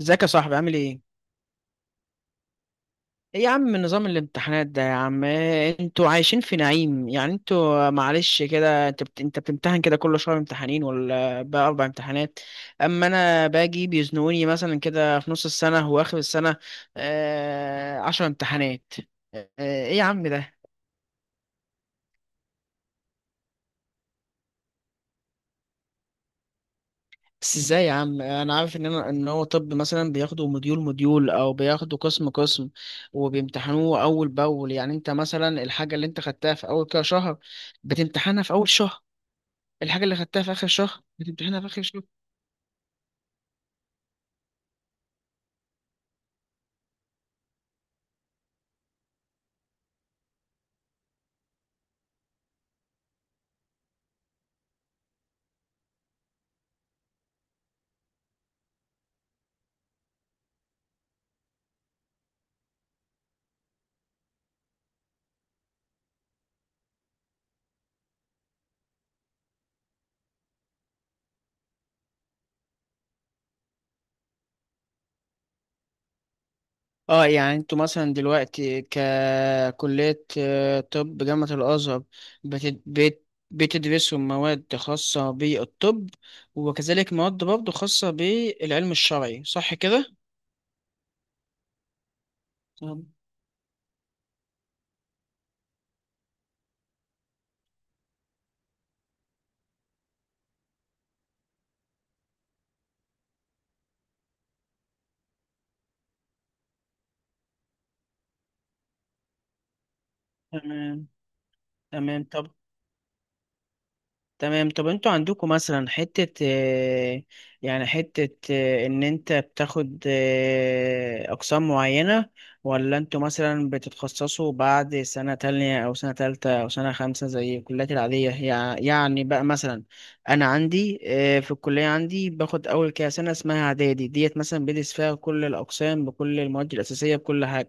ازيك يا صاحبي؟ عامل ايه؟ ايه يا عم نظام الامتحانات ده يا عم؟ إيه انتوا عايشين في نعيم؟ يعني انتوا معلش كده، انت بتمتحن كده كل شهر امتحانين ولا بقى اربع امتحانات؟ اما انا باجي بيزنقوني مثلا كده في نص السنة واخر السنة. عشر امتحانات. ايه يا عم ده؟ بس ازاي يا عم؟ انا عارف ان هو طب، مثلا بياخدوا مديول مديول او بياخدوا قسم قسم، وبيمتحنوه اول باول. يعني انت مثلا الحاجه اللي انت خدتها في اول كده شهر بتمتحنها في اول شهر، الحاجه اللي خدتها في اخر شهر بتمتحنها في اخر شهر. اه، يعني انتوا مثلا دلوقتي ككليه، طب جامعه الازهر، بت- بت- بتدرسوا مواد خاصه بالطب، وكذلك مواد برضه خاصه بالعلم الشرعي، صح كده؟ طب، تمام. تمام طب. تمام طب، انتوا عندكم مثلا حتة، يعني حتة، ان انت بتاخد اقسام معينة، ولا انتوا مثلا بتتخصصوا بعد سنة تانية او سنة تالتة او سنة خمسة زي الكليات العادية؟ يعني بقى مثلا انا عندي، في الكلية عندي باخد اول كده سنة اسمها اعدادي ديت، مثلا بدرس فيها كل الاقسام بكل المواد الاساسية بكل حاجة.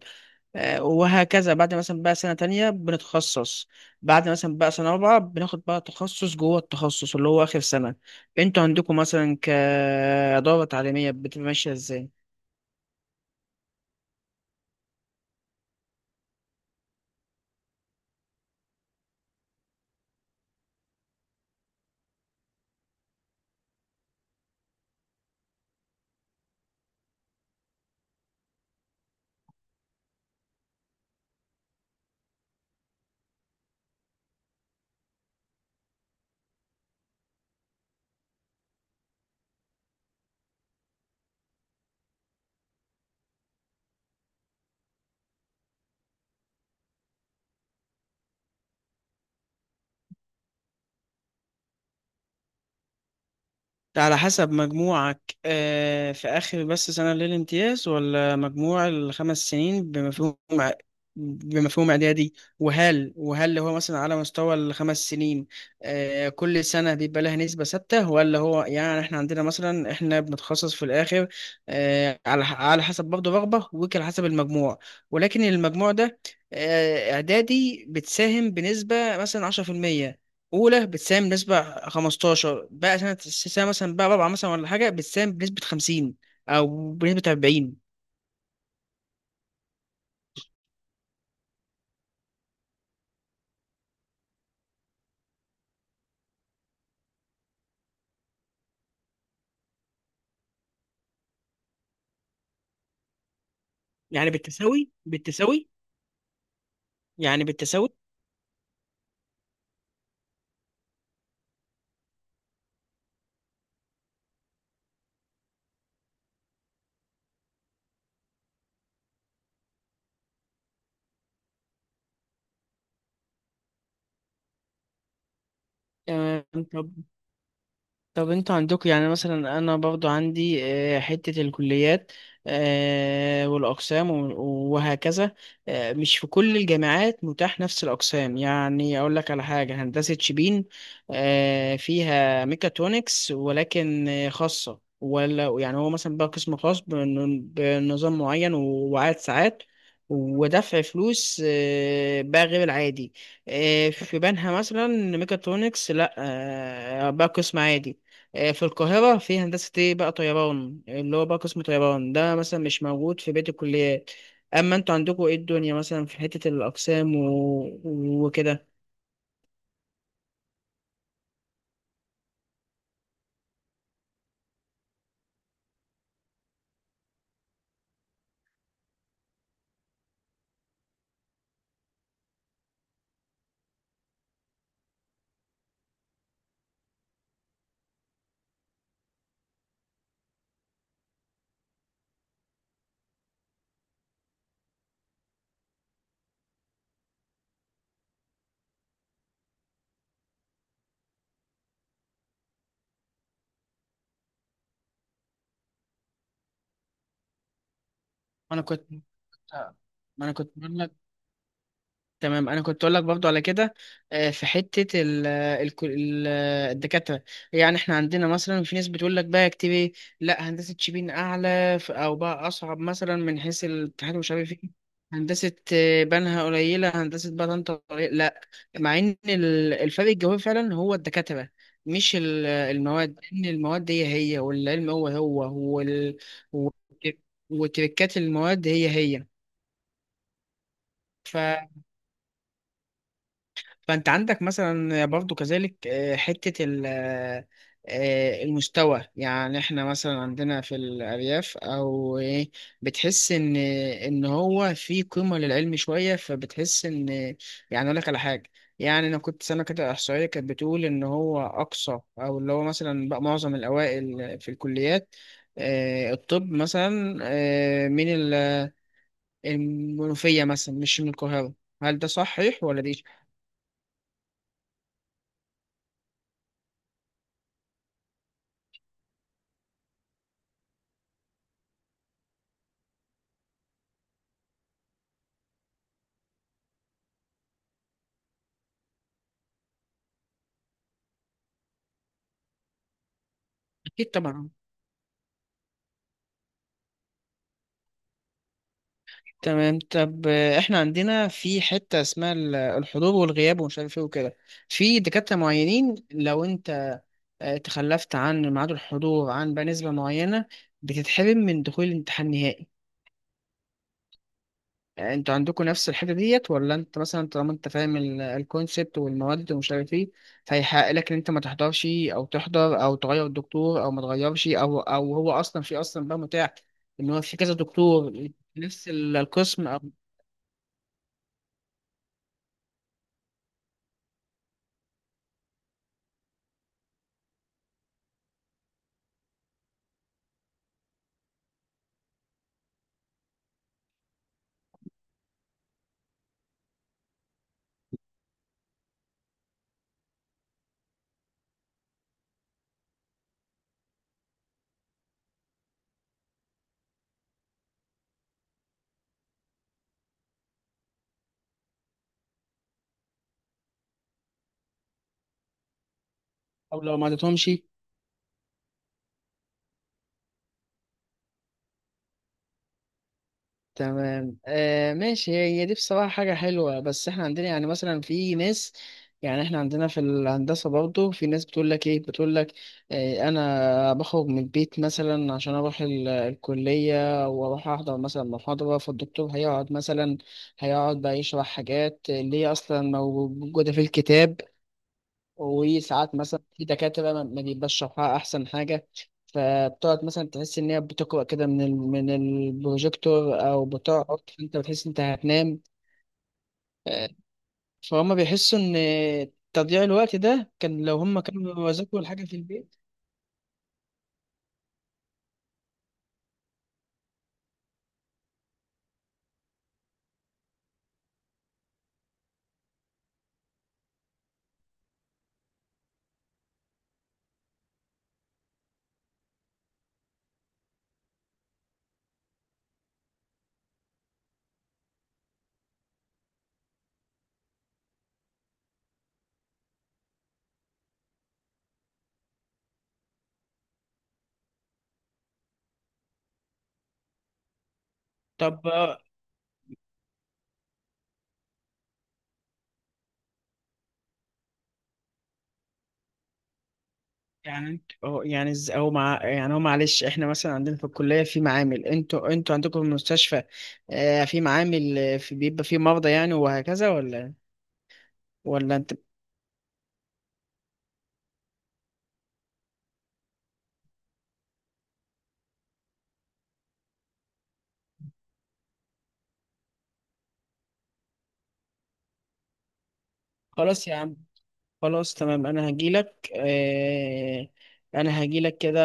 وهكذا، بعد مثلا بقى سنة تانية بنتخصص، بعد مثلا بقى سنة رابعة بناخد بقى تخصص جوه التخصص اللي هو آخر سنة. انتوا عندكم مثلا كإدارة تعليمية بتبقى ماشية ازاي؟ ده على حسب مجموعك في آخر بس سنة للامتياز، ولا مجموع الخمس سنين بمفهوم بمفهوم إعدادي؟ وهل هو مثلا على مستوى الخمس سنين كل سنة بيبقى لها نسبة ثابتة؟ ولا هو يعني إحنا عندنا مثلا، إحنا بنتخصص في الآخر على على حسب برضه رغبة وعلى حسب المجموع، ولكن المجموع ده إعدادي بتساهم بنسبة مثلا عشرة في المية، اولى بتساهم بنسبه 15، بقى سنه مثلا بقى رابعه مثلا ولا حاجه بتساهم بنسبه 50 او بنسبه 40؟ يعني بالتساوي، يعني بالتساوي. آه، طب انتوا عندكم يعني مثلا؟ انا برضو عندي حتة الكليات والاقسام، وهكذا. مش في كل الجامعات متاح نفس الاقسام، يعني اقول لك على حاجة، هندسة شبين فيها ميكاترونكس ولكن خاصة، ولا يعني هو مثلا بقى قسم خاص بنظام معين وعدد ساعات ودفع فلوس بقى غير العادي. في بنها مثلا ميكاترونكس لا، بقى قسم عادي. في القاهرة في هندسة ايه بقى طيران، اللي هو بقى قسم طيران ده مثلا مش موجود في بقية الكليات. أما انتوا عندكوا ايه الدنيا مثلا في حتة الأقسام، وكده؟ انا كنت ما انا كنت بقول لك، تمام انا كنت اقول لك برضو على كده، في حته ال الدكاتره. يعني احنا عندنا مثلا في ناس بتقول لك بقى اكتب ايه؟ لا، هندسه شبين اعلى، او بقى اصعب مثلا من حيث الاتحاد ومش عارف ايه، هندسه بنها قليله، هندسه بقى طنطا قليلة. لا، مع ان الفرق الجوهري فعلا هو الدكاتره، مش المواد. ان المواد هي هي، والعلم هو هو، والتركات، المواد هي هي. فانت عندك مثلا برضو كذلك حتة المستوى. يعني احنا مثلا عندنا في الأرياف او إيه، بتحس ان هو في قيمة للعلم شوية، فبتحس ان، يعني اقول لك على حاجة، يعني انا كنت سنة كده احصائية كانت بتقول ان هو اقصى، او اللي هو مثلا بقى معظم الاوائل في الكليات الطب مثلا، من المنوفية مثلا، مش من القاهرة. هل ده صحيح ولا دي؟ أكيد طبعا. تمام طب، احنا عندنا في حتة اسمها الحضور والغياب ومش عارف ايه وكده. في دكاترة معينين لو انت تخلفت عن ميعاد الحضور عن بقى نسبة معينة، بتتحرم من دخول الامتحان النهائي. انتوا عندكم نفس الحتة ديت؟ ولا انت مثلا طالما انت فاهم الكونسبت والمواد ومش عارف ايه، فيحق لك ان انت ما تحضرش او تحضر او تغير الدكتور او ما تغيرش، او هو اصلا في اصلا بقى متاح ان هو في كذا دكتور نفس القسم؟ او لو ما عدتهمش؟ تمام آه، ماشي، هي هي دي بصراحة حاجة حلوة. بس احنا عندنا يعني مثلا في ناس، يعني احنا عندنا في الهندسة برضه في ناس بتقول لك ايه، بتقول لك آه انا بخرج من البيت مثلا عشان اروح الكلية واروح احضر مثلا محاضرة، فالدكتور هيقعد مثلا، هيقعد بقى يشرح حاجات اللي هي اصلا موجودة في الكتاب. وساعات مثلا في دكاترة ما بيبقاش شرحها أحسن حاجة، فبتقعد مثلا تحس إن هي بتقرأ كده من من البروجيكتور، أو بتقعد، فأنت بتحس إن أنت هتنام. آه، فهم بيحسوا إن تضييع الوقت ده كان، لو هم كانوا ذاكروا الحاجة في البيت. طب يعني انت، أو يعني أو مع، يعني هو معلش، إحنا مثلا عندنا في الكلية في معامل، أنتوا عندكم في المستشفى في معامل، في، بيبقى في مرضى يعني وهكذا، ولا أنت؟ خلاص يا عم، خلاص تمام، انا هجيلك آه، انا هجيلك كده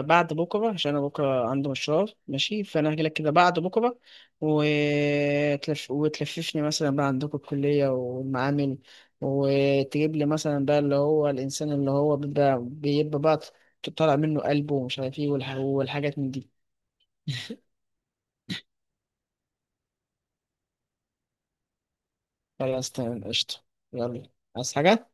بعد بكره، عشان انا بكره عندي مشوار ماشي، فانا هجيلك كده بعد بكره، وتلففني مثلا بقى عندكم الكليه والمعامل، وتجيب لي مثلا بقى اللي هو الانسان اللي هو بيبقى بقى طالع منه قلبه ومش عارف ايه والحاجات من دي. خلاص تمام قشطه، يلا، عايز حاجه؟